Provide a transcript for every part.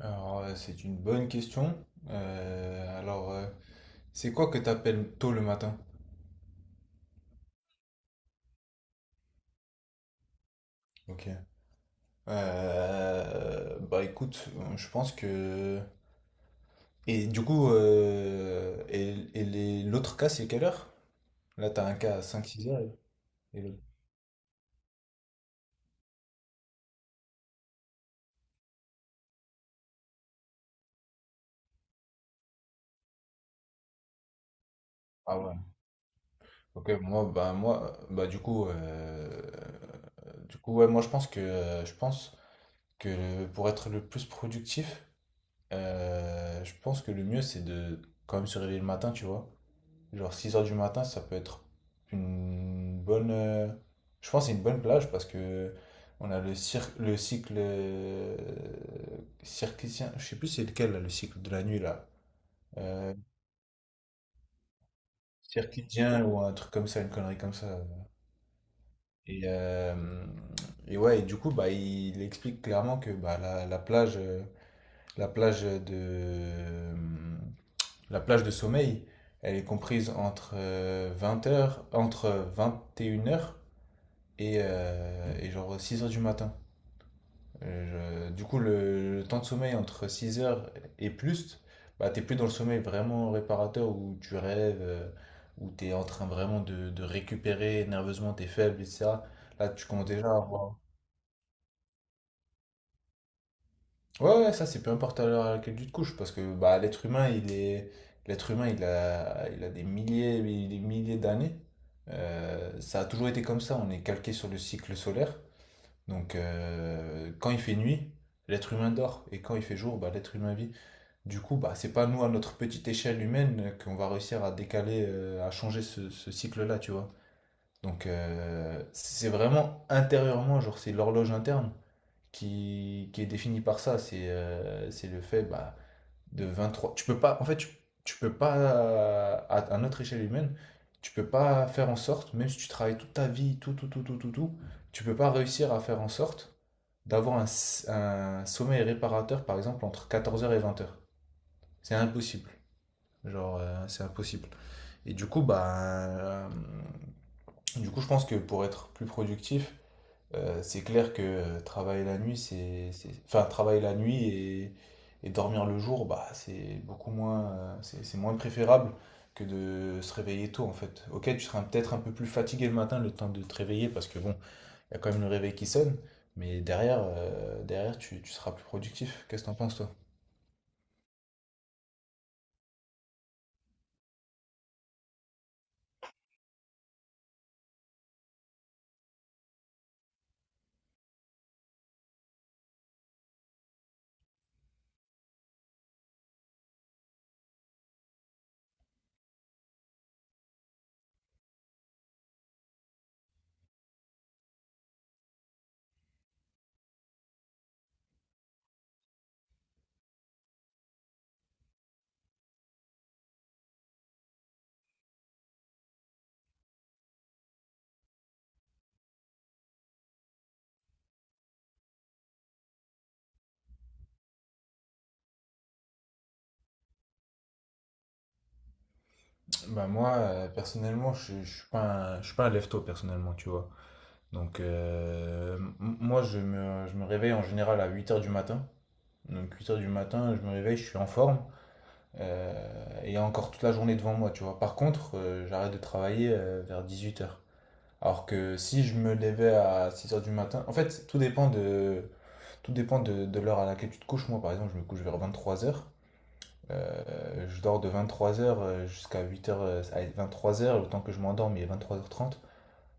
Alors, c'est une bonne question. Euh, alors, euh, c'est quoi que t'appelles tôt le matin? Ok. Bah écoute, je pense que... Et du coup, l'autre cas, c'est quelle heure? Là, t'as un cas à 5 6 heures. et l'autre- Ah ouais. Ok, bah moi, bah du coup, ouais, moi je pense que pour être le plus productif, je pense que le mieux, c'est de quand même se réveiller le matin, tu vois. Genre 6 heures du matin, ça peut être une bonne. Je pense que c'est une bonne plage parce que on a le cycle circadien. Je sais plus c'est lequel là, le cycle de la nuit là. Euh, Circadien ou un truc comme ça, une connerie comme ça. Et, euh, et ouais, et du coup, bah, il explique clairement que bah, la plage, la plage de, euh, la plage de sommeil, elle est comprise entre 21 heures et genre 6 heures du matin. Du coup, le temps de sommeil entre 6 heures et plus, bah, t'es plus dans le sommeil vraiment réparateur où tu rêves, où t'es en train vraiment de récupérer nerveusement tes faibles, etc. Là, tu commences déjà à avoir... Ouais, ouais, ça, c'est peu importe à l'heure à laquelle tu te couches, parce que bah, l'être humain, il est... L'être humain, il a des milliers, et des milliers d'années. Ça a toujours été comme ça, on est calqué sur le cycle solaire. Donc, quand il fait nuit, l'être humain dort. Et quand il fait jour, bah, l'être humain vit. Du coup, bah, c'est pas nous, à notre petite échelle humaine, qu'on va réussir à décaler, à changer ce cycle-là, tu vois. Donc, c'est vraiment intérieurement, genre, c'est l'horloge interne qui est définie par ça. C'est le fait bah, de trois. Tu peux pas, en fait, tu peux pas, à notre échelle humaine, tu peux pas faire en sorte, même si tu travailles toute ta vie, tout, tout, tout, tout, tout, tout, tu peux pas réussir à faire en sorte d'avoir un sommeil réparateur, par exemple, entre 14 heures et 20 heures. C'est impossible. Genre, c'est impossible. Et du coup, bah, je pense que pour être plus productif, c'est clair que travailler la nuit, enfin, travailler la nuit et dormir le jour, bah, c'est beaucoup moins, c'est moins préférable que de se réveiller tôt, en fait. Ok, tu seras peut-être un peu plus fatigué le matin, le temps de te réveiller, parce que bon, il y a quand même le réveil qui sonne, mais derrière tu seras plus productif. Qu'est-ce que t'en penses, toi? Bah moi, personnellement, je suis pas un lève-tôt, personnellement, tu vois. Donc, moi, je me réveille en général à 8 heures du matin. Donc, 8 heures du matin, je me réveille, je suis en forme. Et il y a encore toute la journée devant moi, tu vois. Par contre, j'arrête de travailler vers 8 heures. Alors que si je me levais à 6 heures du matin, en fait, tout dépend de l'heure à laquelle tu te couches. Moi, par exemple, je me couche vers 23 heures. Je dors de 23 heures jusqu'à 8 heures, 23 heures, le temps que je m'endorme, il est 23h30,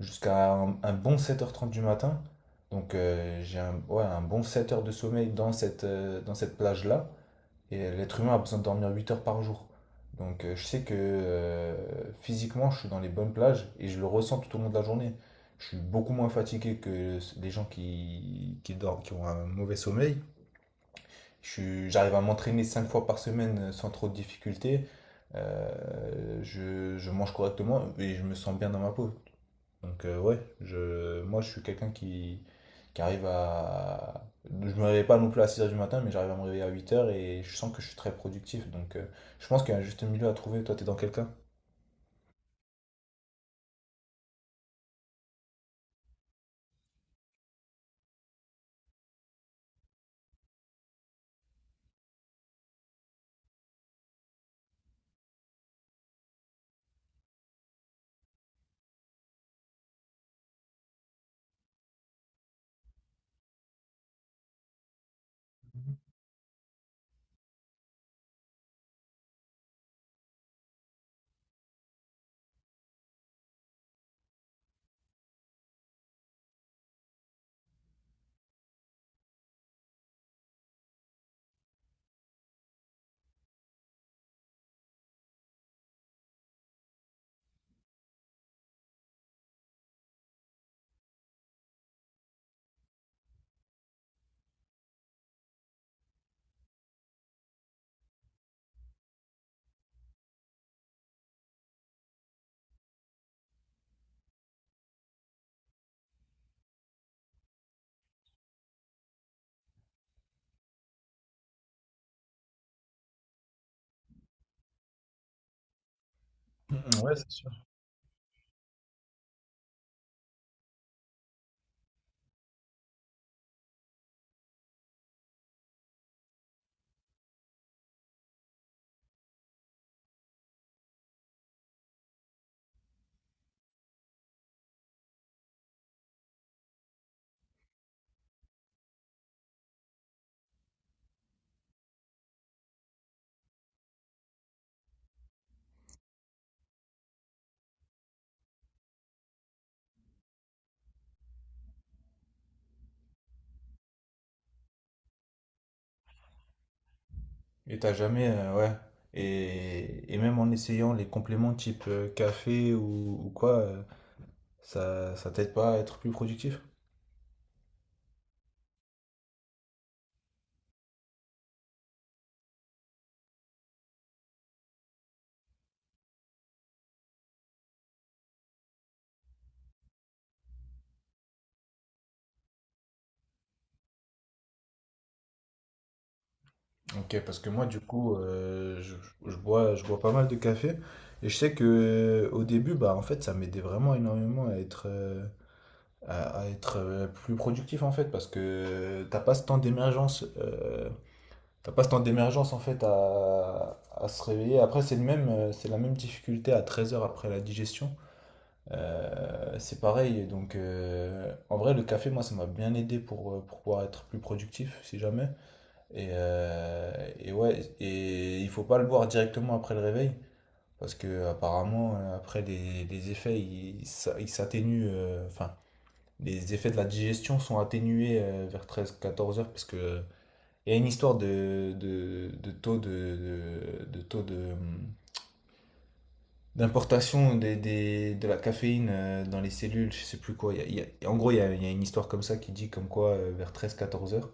jusqu'à un bon 7h30 du matin. Donc, j'ai un, ouais, un bon 7 heures de sommeil dans cette plage-là. Et l'être humain a besoin de dormir 8 heures par jour. Donc, je sais que physiquement, je suis dans les bonnes plages et je le ressens tout au long de la journée. Je suis beaucoup moins fatigué que les gens qui dorment, qui ont un mauvais sommeil. J'arrive à m'entraîner 5 fois par semaine sans trop de difficultés. Je mange correctement et je me sens bien dans ma peau. Donc, ouais, moi je suis quelqu'un qui arrive à... Je me réveille pas non plus à 6 heures du matin, mais j'arrive à me réveiller à 8 heures et je sens que je suis très productif. Donc, je pense qu'il y a un juste milieu à trouver. Toi, t'es dans quelqu'un? Mhm. Ouais, c'est sûr. Et t'as jamais, ouais. Et même en essayant les compléments type café ou quoi, ça t'aide pas à être plus productif? Ok, parce que moi, du coup, je bois pas mal de café. Et je sais que au début, bah, en fait, ça m'aidait vraiment énormément à être, plus productif, en fait, parce que t'as pas ce temps d'émergence, en fait, à se réveiller. Après, c'est la même difficulté à 13 heures après la digestion. C'est pareil. Donc, en vrai, le café, moi, ça m'a bien aidé pour pouvoir être plus productif, si jamais. Et ouais, et il faut pas le boire directement après le réveil, parce que apparemment après les effets ils s'atténuent, enfin les effets de la digestion sont atténués vers 13 14 heures, parce que il y a une histoire de taux de taux de d'importation de la caféine dans les cellules, je sais plus quoi. En gros, il y a une histoire comme ça qui dit comme quoi vers 13 14 heures.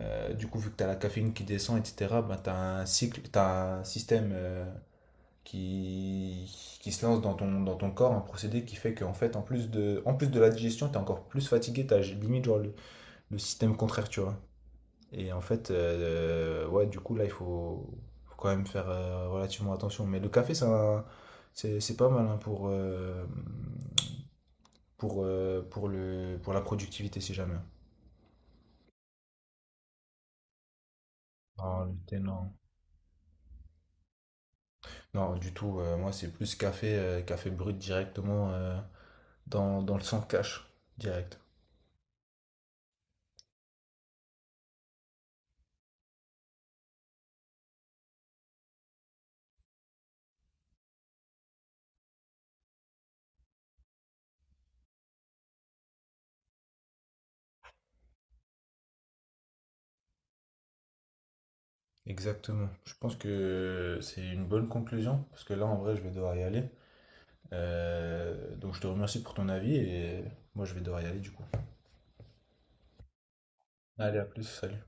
Du coup, vu que tu as la caféine qui descend, etc., ben, tu as un cycle, tu un système qui, qui se lance dans ton corps, un procédé qui fait qu'en fait, en plus de la digestion, tu es encore plus fatigué, tu as limite genre, le système contraire, tu vois. Et en fait, ouais, du coup, là, faut quand même faire relativement attention. Mais le café, c'est un- c'est pas mal hein, pour la productivité, si jamais. Non, le thé, non. Non, du tout. Moi, c'est plus café, café brut directement dans le sang cash, direct. Exactement. Je pense que c'est une bonne conclusion, parce que là, en vrai, je vais devoir y aller. Donc, je te remercie pour ton avis et moi, je vais devoir y aller du coup. Allez, à plus, salut.